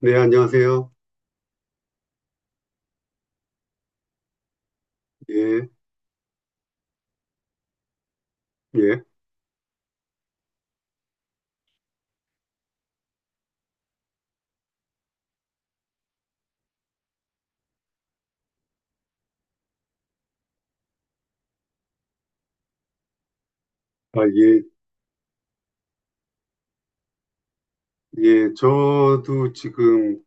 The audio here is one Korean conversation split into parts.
네, 안녕하세요. 예, 예. 아, 예, 예. 저도 지금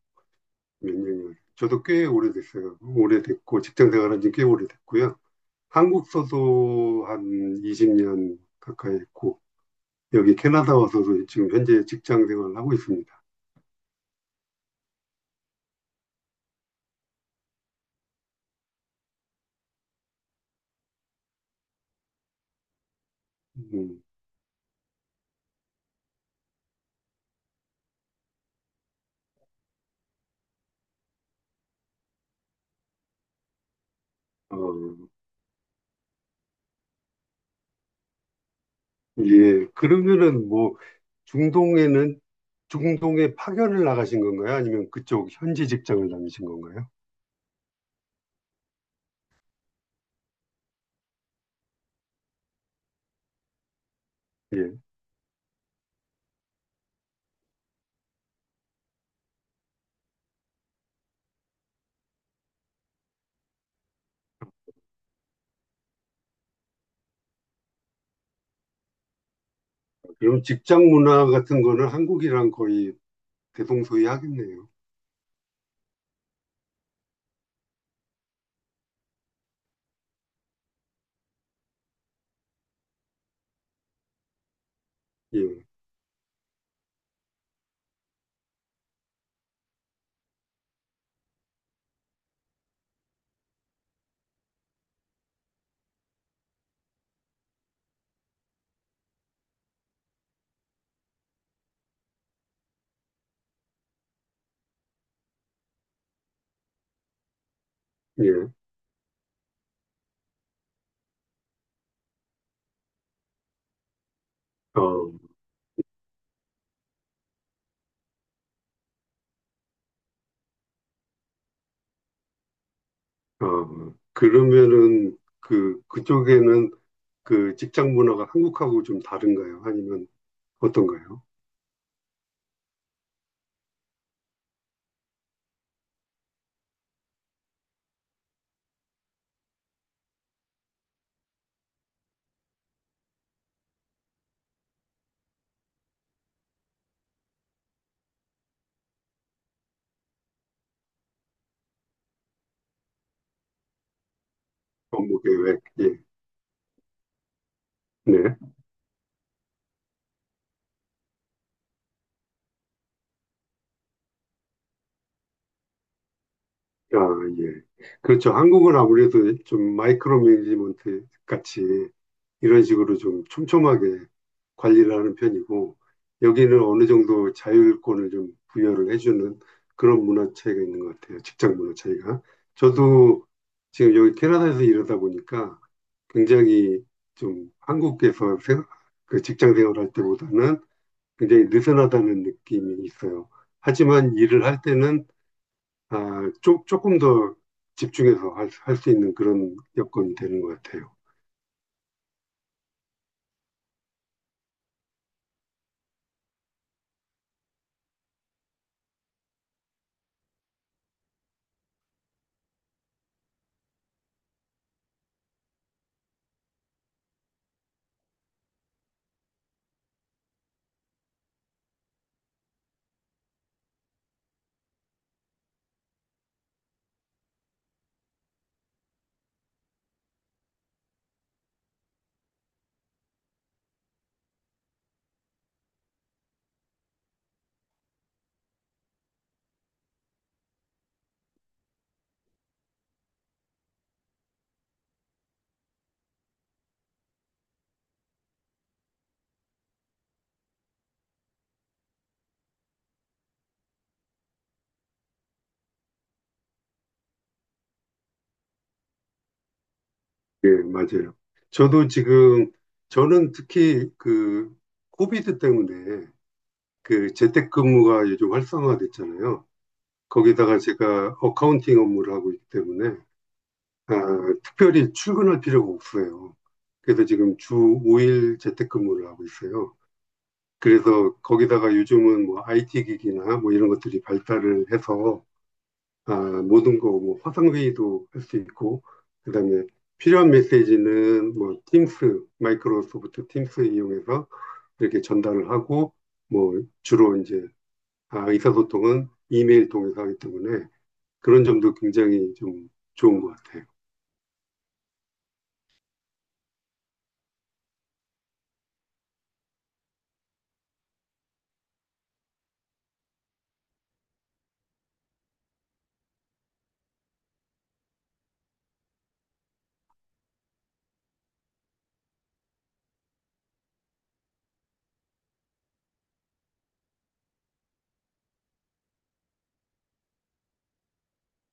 몇 년이요? 저도 꽤 오래됐어요. 오래됐고, 직장 생활한 지 꽤 오래됐고요. 한국 서도 한 20년 가까이 했고, 여기 캐나다 와서도 지금 현재 직장 생활을 하고 있습니다. 음, 어, 예. 그러면은 뭐, 중동에는, 중동에 파견을 나가신 건가요? 아니면 그쪽 현지 직장을 다니신 건가요? 예. 그럼 직장 문화 같은 거는 한국이랑 거의 대동소이 하겠네요. 예, 예. 어, 그러면은 그, 그쪽에는 그 직장 문화가 한국하고 좀 다른가요? 아니면 어떤가요? 업무 계획, 예, 네. 아, 예. 그렇죠. 한국은 아무래도 좀 마이크로 매니지먼트 같이 이런 식으로 좀 촘촘하게 관리를 하는 편이고, 여기는 어느 정도 자율권을 좀 부여를 해주는 그런 문화 차이가 있는 것 같아요. 직장 문화 차이가. 저도 지금 여기 캐나다에서 일하다 보니까 굉장히 좀 한국에서 그 직장 생활할 때보다는 굉장히 느슨하다는 느낌이 있어요. 하지만 일을 할 때는 아, 조금 더 집중해서 할수 있는 그런 여건이 되는 것 같아요. 예, 맞아요. 저도 지금, 저는 특히 그, 코비드 때문에 그 재택근무가 요즘 활성화됐잖아요. 거기다가 제가 어카운팅 업무를 하고 있기 때문에, 아, 특별히 출근할 필요가 없어요. 그래서 지금 주 5일 재택근무를 하고 있어요. 그래서 거기다가 요즘은 뭐 IT 기기나 뭐 이런 것들이 발달을 해서 아, 모든 거, 뭐, 화상회의도 할 수 있고, 그 다음에 필요한 메시지는 뭐, 팀스, 마이크로소프트 팀스 이용해서 이렇게 전달을 하고, 뭐, 주로 이제, 아, 의사소통은 이메일 통해서 하기 때문에 그런 점도 굉장히 좀 좋은 것 같아요.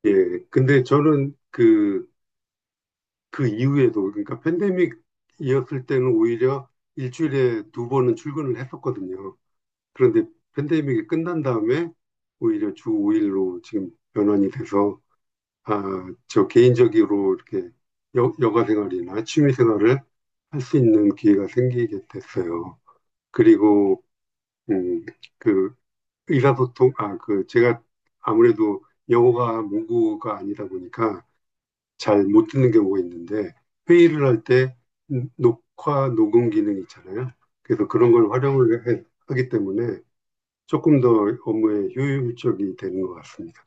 예. 근데 저는 그, 그 이후에도, 그러니까 팬데믹이었을 때는 오히려 일주일에 두 번은 출근을 했었거든요. 그런데 팬데믹이 끝난 다음에 오히려 주 5일로 지금 변환이 돼서 아, 저 개인적으로 이렇게 여가 생활이나 취미 생활을 할 수 있는 기회가 생기게 됐어요. 그리고 음, 그 의사소통 아, 그 제가 아무래도 영어가 모국어가 아니다 보니까 잘 못 듣는 경우가 있는데 회의를 할 때 녹화 녹음 기능이 있잖아요. 그래서 그런 걸 하기 때문에 조금 더 업무에 효율적이 되는 것 같습니다.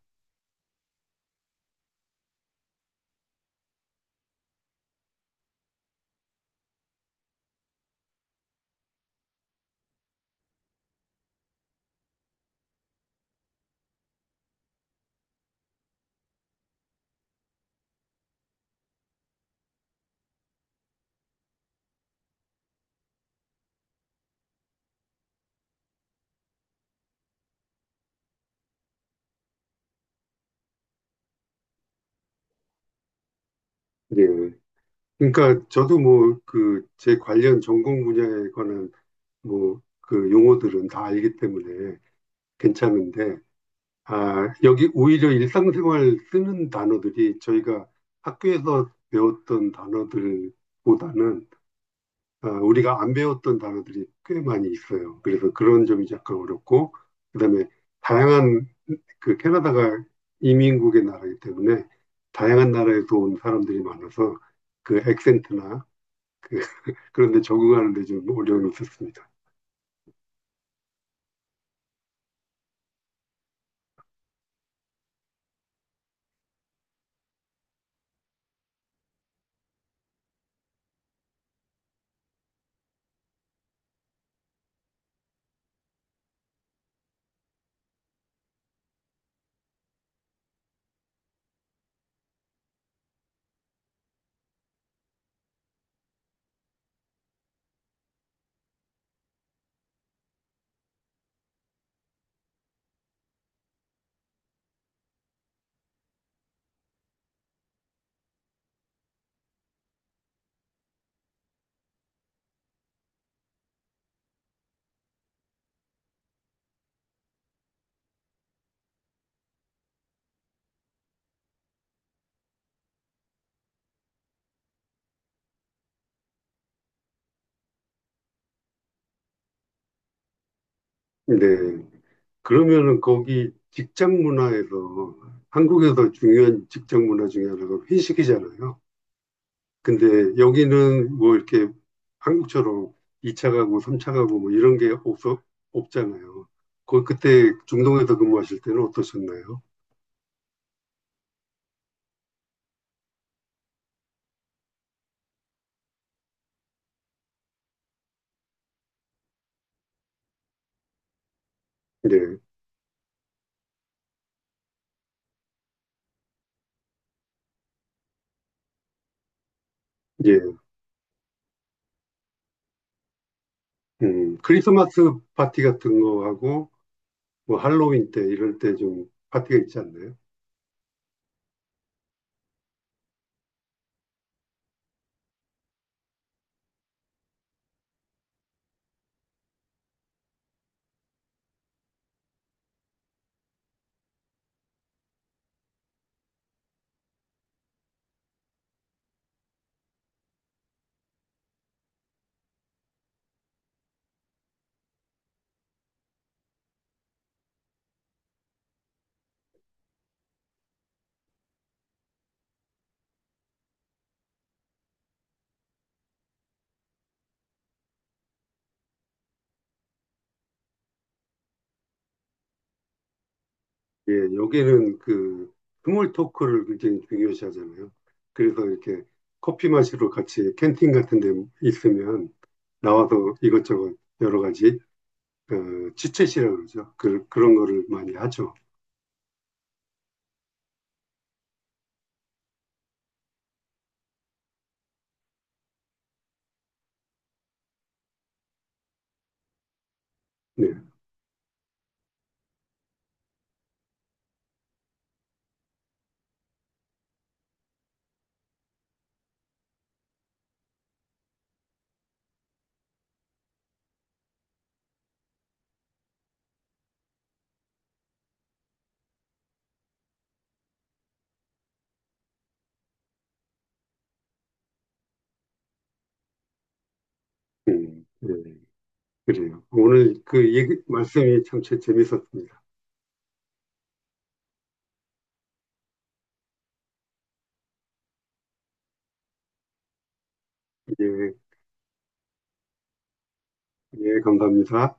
예. 그러니까 저도 뭐 그 제 관련 전공 분야에 관한 뭐 그 용어들은 다 알기 때문에 괜찮은데 아, 여기 오히려 일상생활 쓰는 단어들이 저희가 학교에서 배웠던 단어들보다는 아, 우리가 안 배웠던 단어들이 꽤 많이 있어요. 그래서 그런 점이 약간 어렵고 그다음에 다양한 그 캐나다가 이민국의 나라이기 때문에 다양한 나라에서 온 사람들이 많아서 그 액센트나 그 그런 데 적응하는 데 좀 어려움이 있었습니다. 네. 그러면은 거기 직장 문화에서 한국에서 중요한 직장 문화 중에 하나가 회식이잖아요. 근데 여기는 뭐 이렇게 한국처럼 2차 가고 3차 가고 뭐 이런 게 없어 없잖아요. 거 그때 중동에서 근무하실 때는 어떠셨나요? 네. 예. 크리스마스 파티 같은 거하고 뭐 할로윈 때 이럴 때 좀 파티가 있지 않나요? 예, 여기는 그 스몰 토크를 굉장히 중요시 하잖아요. 그래서 이렇게 커피 마시러 같이 캔팅 같은 데 있으면 나와서 이것저것 여러 가지 어, 치챗이라고 그러죠. 그, 그런 거를 많이 하죠. 네, 예, 그래요. 오늘 그 얘기, 말씀이 참 재밌었습니다. 예, 예, 감사합니다.